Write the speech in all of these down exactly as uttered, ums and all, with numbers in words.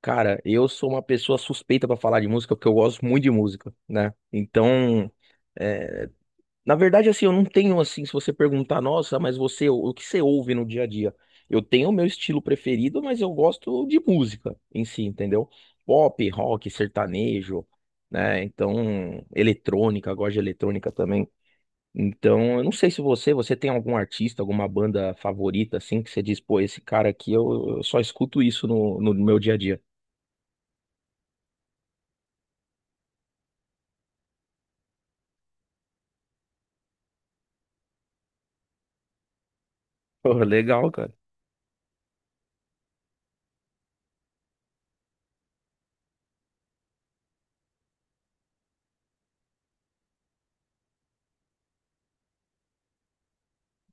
Cara, eu sou uma pessoa suspeita pra falar de música, porque eu gosto muito de música, né? Então, é, na verdade, assim, eu não tenho, assim, se você perguntar, nossa, mas você, o que você ouve no dia a dia? Eu tenho o meu estilo preferido, mas eu gosto de música em si, entendeu? Pop, rock, sertanejo, né? Então, eletrônica, eu gosto de eletrônica também. Então, eu não sei se você, você tem algum artista, alguma banda favorita, assim, que você diz, pô, esse cara aqui, eu, eu só escuto isso no, no meu dia a dia. Pô, legal, cara.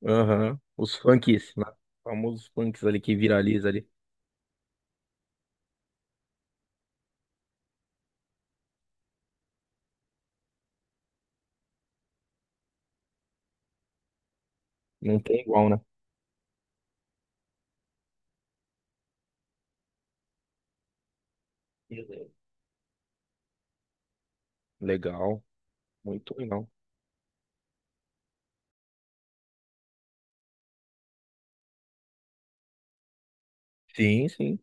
Aham. Os funks, né? Os famosos funks ali que viraliza ali. Não tem igual, né? Beleza. Legal. Muito legal. Sim, sim.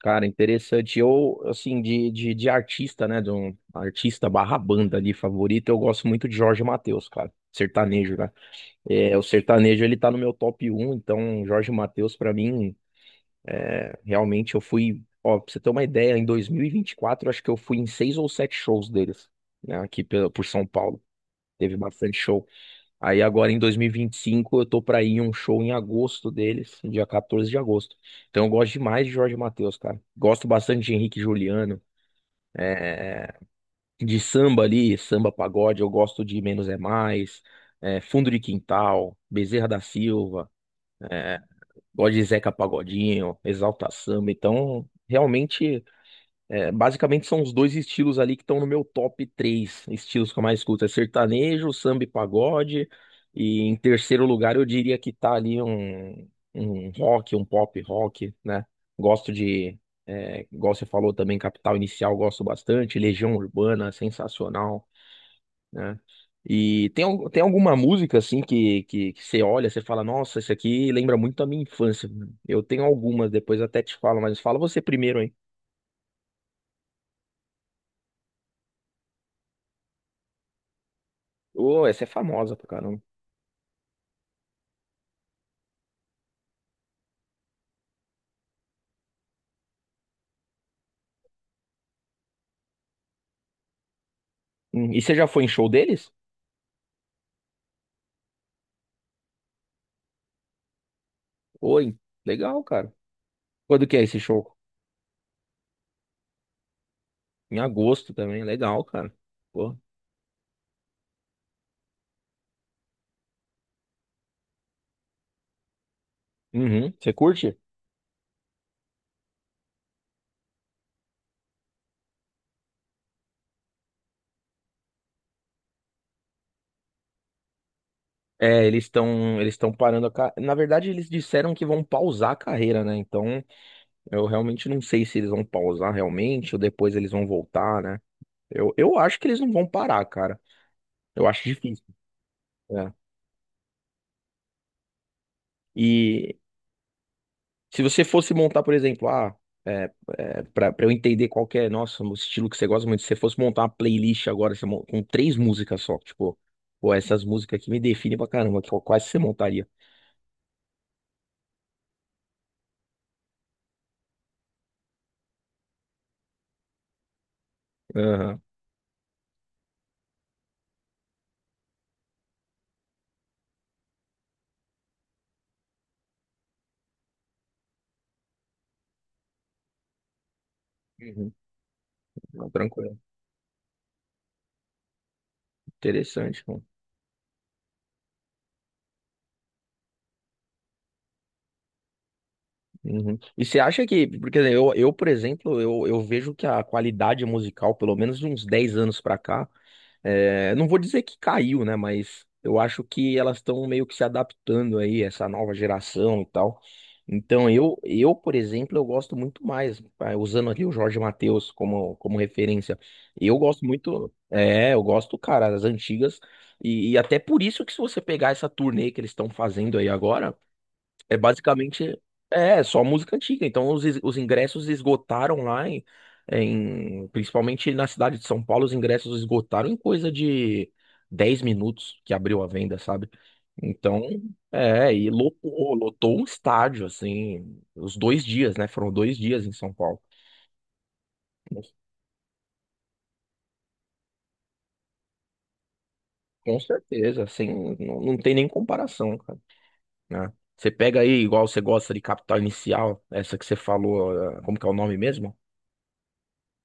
Cara, interessante. Eu, assim, de, de, de artista, né? De um artista barra banda ali favorito, eu gosto muito de Jorge Mateus, cara. Sertanejo, né? É, o sertanejo, ele tá no meu top um, então Jorge Mateus, pra mim, é, realmente eu fui. Ó, pra você ter uma ideia, em dois mil e vinte e quatro, eu acho que eu fui em seis ou sete shows deles, né? Aqui pela- por São Paulo. Teve bastante show. Aí agora em dois mil e vinte e cinco eu tô pra ir em um show em agosto deles, dia quatorze de agosto. Então eu gosto demais de Jorge Mateus, cara. Gosto bastante de Henrique e Juliano, de samba ali, samba pagode, eu gosto de Menos é Mais, é, Fundo de Quintal, Bezerra da Silva, é, gosto de Zeca Pagodinho, Exalta Samba. Então, realmente. É, basicamente são os dois estilos ali que estão no meu top três estilos que eu mais escuto. É sertanejo, samba e pagode. E em terceiro lugar eu diria que tá ali um, um rock, um pop rock, né? Gosto de, é, igual você falou também, Capital Inicial, gosto bastante. Legião Urbana, sensacional, né? E tem, al- tem alguma música assim que, que, que você olha, você fala, nossa, isso aqui lembra muito a minha infância. Eu tenho algumas, depois até te falo, mas fala você primeiro, hein? Ô, essa é famosa pra caramba. Hum, E você já foi em show deles? Oi, legal, cara. Quando que é esse show? Em agosto também, legal, cara. Pô. Uhum, você curte? É, eles estão eles estão parando a ca... Na verdade, eles disseram que vão pausar a carreira, né? Então, eu realmente não sei se eles vão pausar realmente ou depois eles vão voltar, né? Eu, eu acho que eles não vão parar, cara. Eu acho difícil, né? E se você fosse montar, por exemplo, ah, é, é, para eu entender qual que é, nossa, o estilo que você gosta muito, se você fosse montar uma playlist agora você mon- com três músicas só, tipo, pô, essas músicas aqui me definem pra caramba, qual- quais você montaria? Aham. Uhum. Não, tranquilo. Interessante, mano. Uhum. E você acha que, porque assim, eu, eu, por exemplo, eu, eu vejo que a qualidade musical, pelo menos de uns dez anos pra cá, é, não vou dizer que caiu, né? Mas eu acho que elas estão meio que se adaptando aí, essa nova geração e tal. Então, eu, eu, por exemplo, eu gosto muito mais, ah, usando ali o Jorge Mateus como, como referência. Eu gosto muito, é, eu gosto, cara, das antigas. E, e até por isso que se você pegar essa turnê que eles estão fazendo aí agora, é basicamente é só música antiga. Então os, es- os ingressos esgotaram lá em, em- principalmente na cidade de São Paulo, os ingressos esgotaram em coisa de dez minutos que abriu a venda, sabe? Então, é, e lotou, lotou um estádio assim, os dois dias, né? Foram dois dias em São Paulo. Com certeza, assim, não, não tem nem comparação, cara, né? Você pega aí, igual você gosta de Capital Inicial, essa que você falou, eh, como que é o nome mesmo?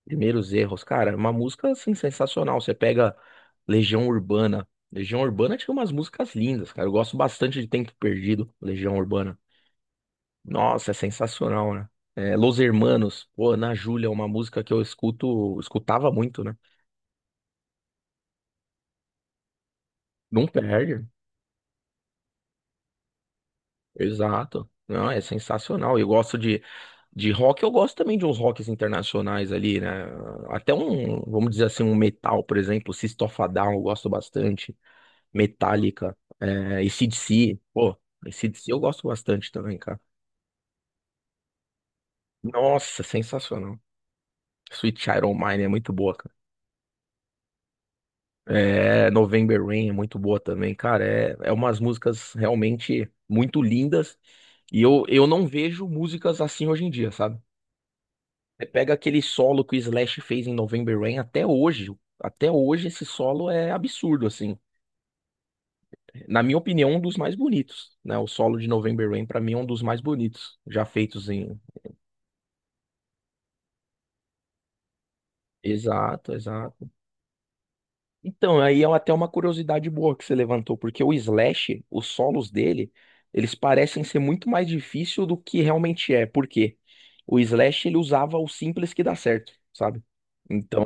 Primeiros Erros, cara, é uma música assim sensacional. Você pega Legião Urbana. Legião Urbana tinha umas músicas lindas, cara. Eu gosto bastante de Tempo Perdido, Legião Urbana. Nossa, é sensacional, né? É, Los Hermanos, pô, Ana Júlia, é uma música que eu escuto, escutava muito, né? Não perde. Exato. Não, é sensacional. Eu gosto de, de rock, eu gosto também de uns rocks internacionais ali, né? Até um, vamos dizer assim, um metal, por exemplo, System of a Down, eu gosto bastante. Metallica, é, AC/DC. Pô, AC/DC eu gosto bastante também, cara. Nossa, sensacional. Sweet Child O' Mine é muito boa, cara. É, November Rain é muito boa também, cara. É, é umas músicas realmente muito lindas. E eu, eu não vejo músicas assim hoje em dia, sabe? Você pega aquele solo que o Slash fez em November Rain até hoje. Até hoje esse solo é absurdo, assim. Na minha opinião, um dos mais bonitos, né? O solo de November Rain, pra mim, é um dos mais bonitos já feitos em. Exato, exato. Então, aí é até uma curiosidade boa que você levantou, porque o Slash, os solos dele, eles parecem ser muito mais difícil do que realmente é. Por quê? O Slash, ele usava o simples que dá certo, sabe? Então,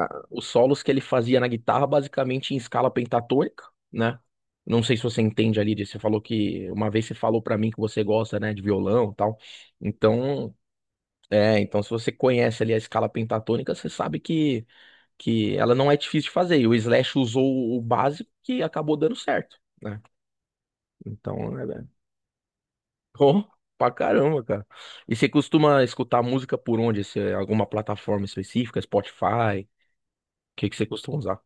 a- os solos que ele fazia na guitarra, basicamente em escala pentatônica, né? Não sei se você entende ali, disso, você falou que uma vez você falou pra mim que você gosta, né, de violão e tal. Então, é, então se você conhece ali a escala pentatônica, você sabe que que ela não é difícil de fazer. E o Slash usou o básico que acabou dando certo, né? Então, é, é- oh, pra caramba, cara. E você costuma escutar música por onde? Se é alguma plataforma específica, Spotify? O que que você costuma usar?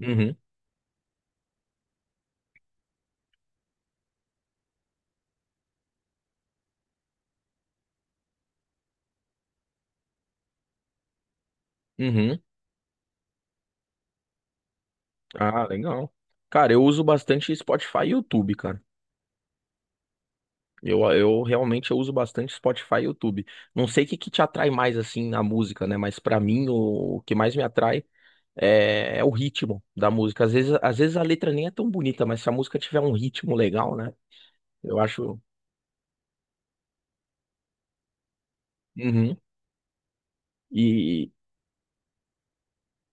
Uhum, uhum. Ah, legal. Cara, eu uso bastante Spotify e YouTube, cara. Eu, eu realmente eu uso bastante Spotify e YouTube. Não sei o que que te atrai mais assim na música, né? Mas pra mim o, o que mais me atrai é, é o ritmo da música. Às vezes, às vezes a letra nem é tão bonita, mas se a música tiver um ritmo legal, né? Eu acho. Uhum. E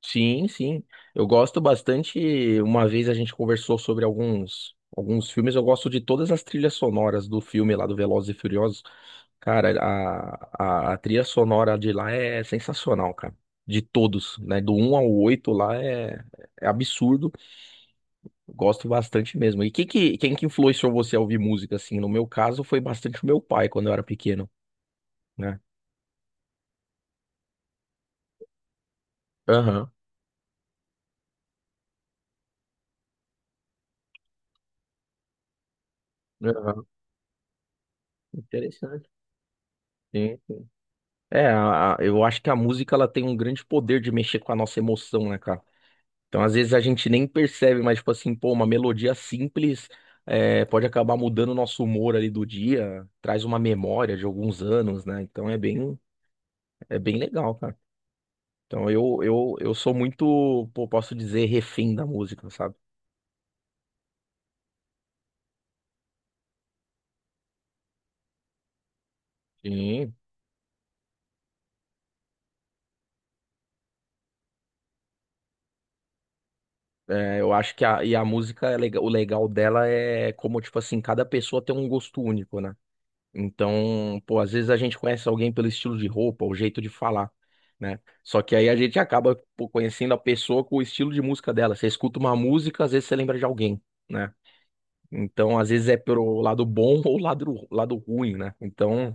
sim, sim. Eu gosto bastante. Uma vez a gente conversou sobre alguns, alguns filmes. Eu gosto de todas as trilhas sonoras do filme lá do Velozes e Furiosos. Cara, a, a, a trilha sonora de lá é sensacional, cara. De todos, né? Do um ao oito lá é, é absurdo. Gosto bastante mesmo. E que, que, quem que influenciou você a ouvir música, assim? No meu caso, foi bastante o meu pai quando eu era pequeno, né? Aham, aham. Interessante. Sim. É, a- a- eu acho que a música ela tem um grande poder de mexer com a nossa emoção, né, cara? Então, às vezes a gente nem percebe, mas, tipo assim, pô, uma melodia simples é, pode acabar mudando o nosso humor ali do dia, traz uma memória de alguns anos, né? Então é bem, é bem legal, cara. Então eu, eu, eu sou muito, pô, posso dizer, refém da música, sabe? Sim, é, eu acho que a, e a música, é lega- o legal dela é como, tipo assim, cada pessoa tem um gosto único, né? Então, pô, às vezes a gente conhece alguém pelo estilo de roupa, o jeito de falar, né? Só que aí a gente acaba, pô, conhecendo a pessoa com o estilo de música dela. Você escuta uma música, às vezes você lembra de alguém, né? Então, às vezes é pelo lado bom ou lado, lado ruim, né? Então,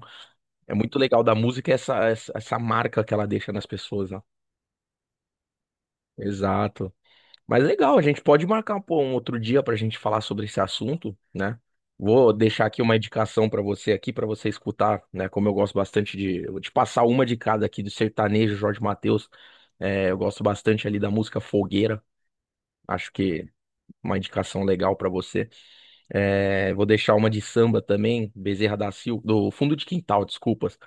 é muito legal da música essa, essa, essa marca que ela deixa nas pessoas, né? Exato. Mas legal, a gente pode marcar pô, um outro dia para a gente falar sobre esse assunto, né? Vou deixar aqui uma indicação para você aqui, para você escutar, né? Como eu gosto bastante de, de passar uma de cada aqui do sertanejo, Jorge Mateus. É, eu gosto bastante ali da música Fogueira. Acho que uma indicação legal para você. É, vou deixar uma de samba também, Bezerra da Silva, do Fundo de Quintal, desculpas,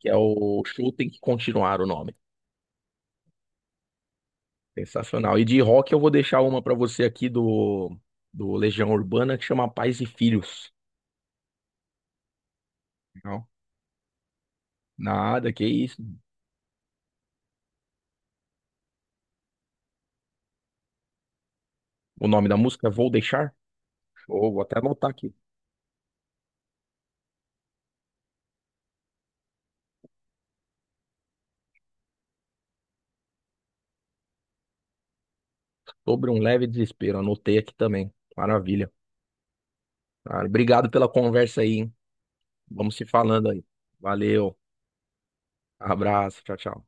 que é o Show Tem Que Continuar o nome. Sensacional. E de rock eu vou deixar uma pra você aqui do, do Legião Urbana que chama Pais e Filhos. Não, nada, que isso. O nome da música é Vou Deixar? Ou vou até anotar aqui. Sobre um leve desespero. Anotei aqui também. Maravilha. Cara, obrigado pela conversa aí, hein? Vamos se falando aí. Valeu. Abraço. Tchau, tchau.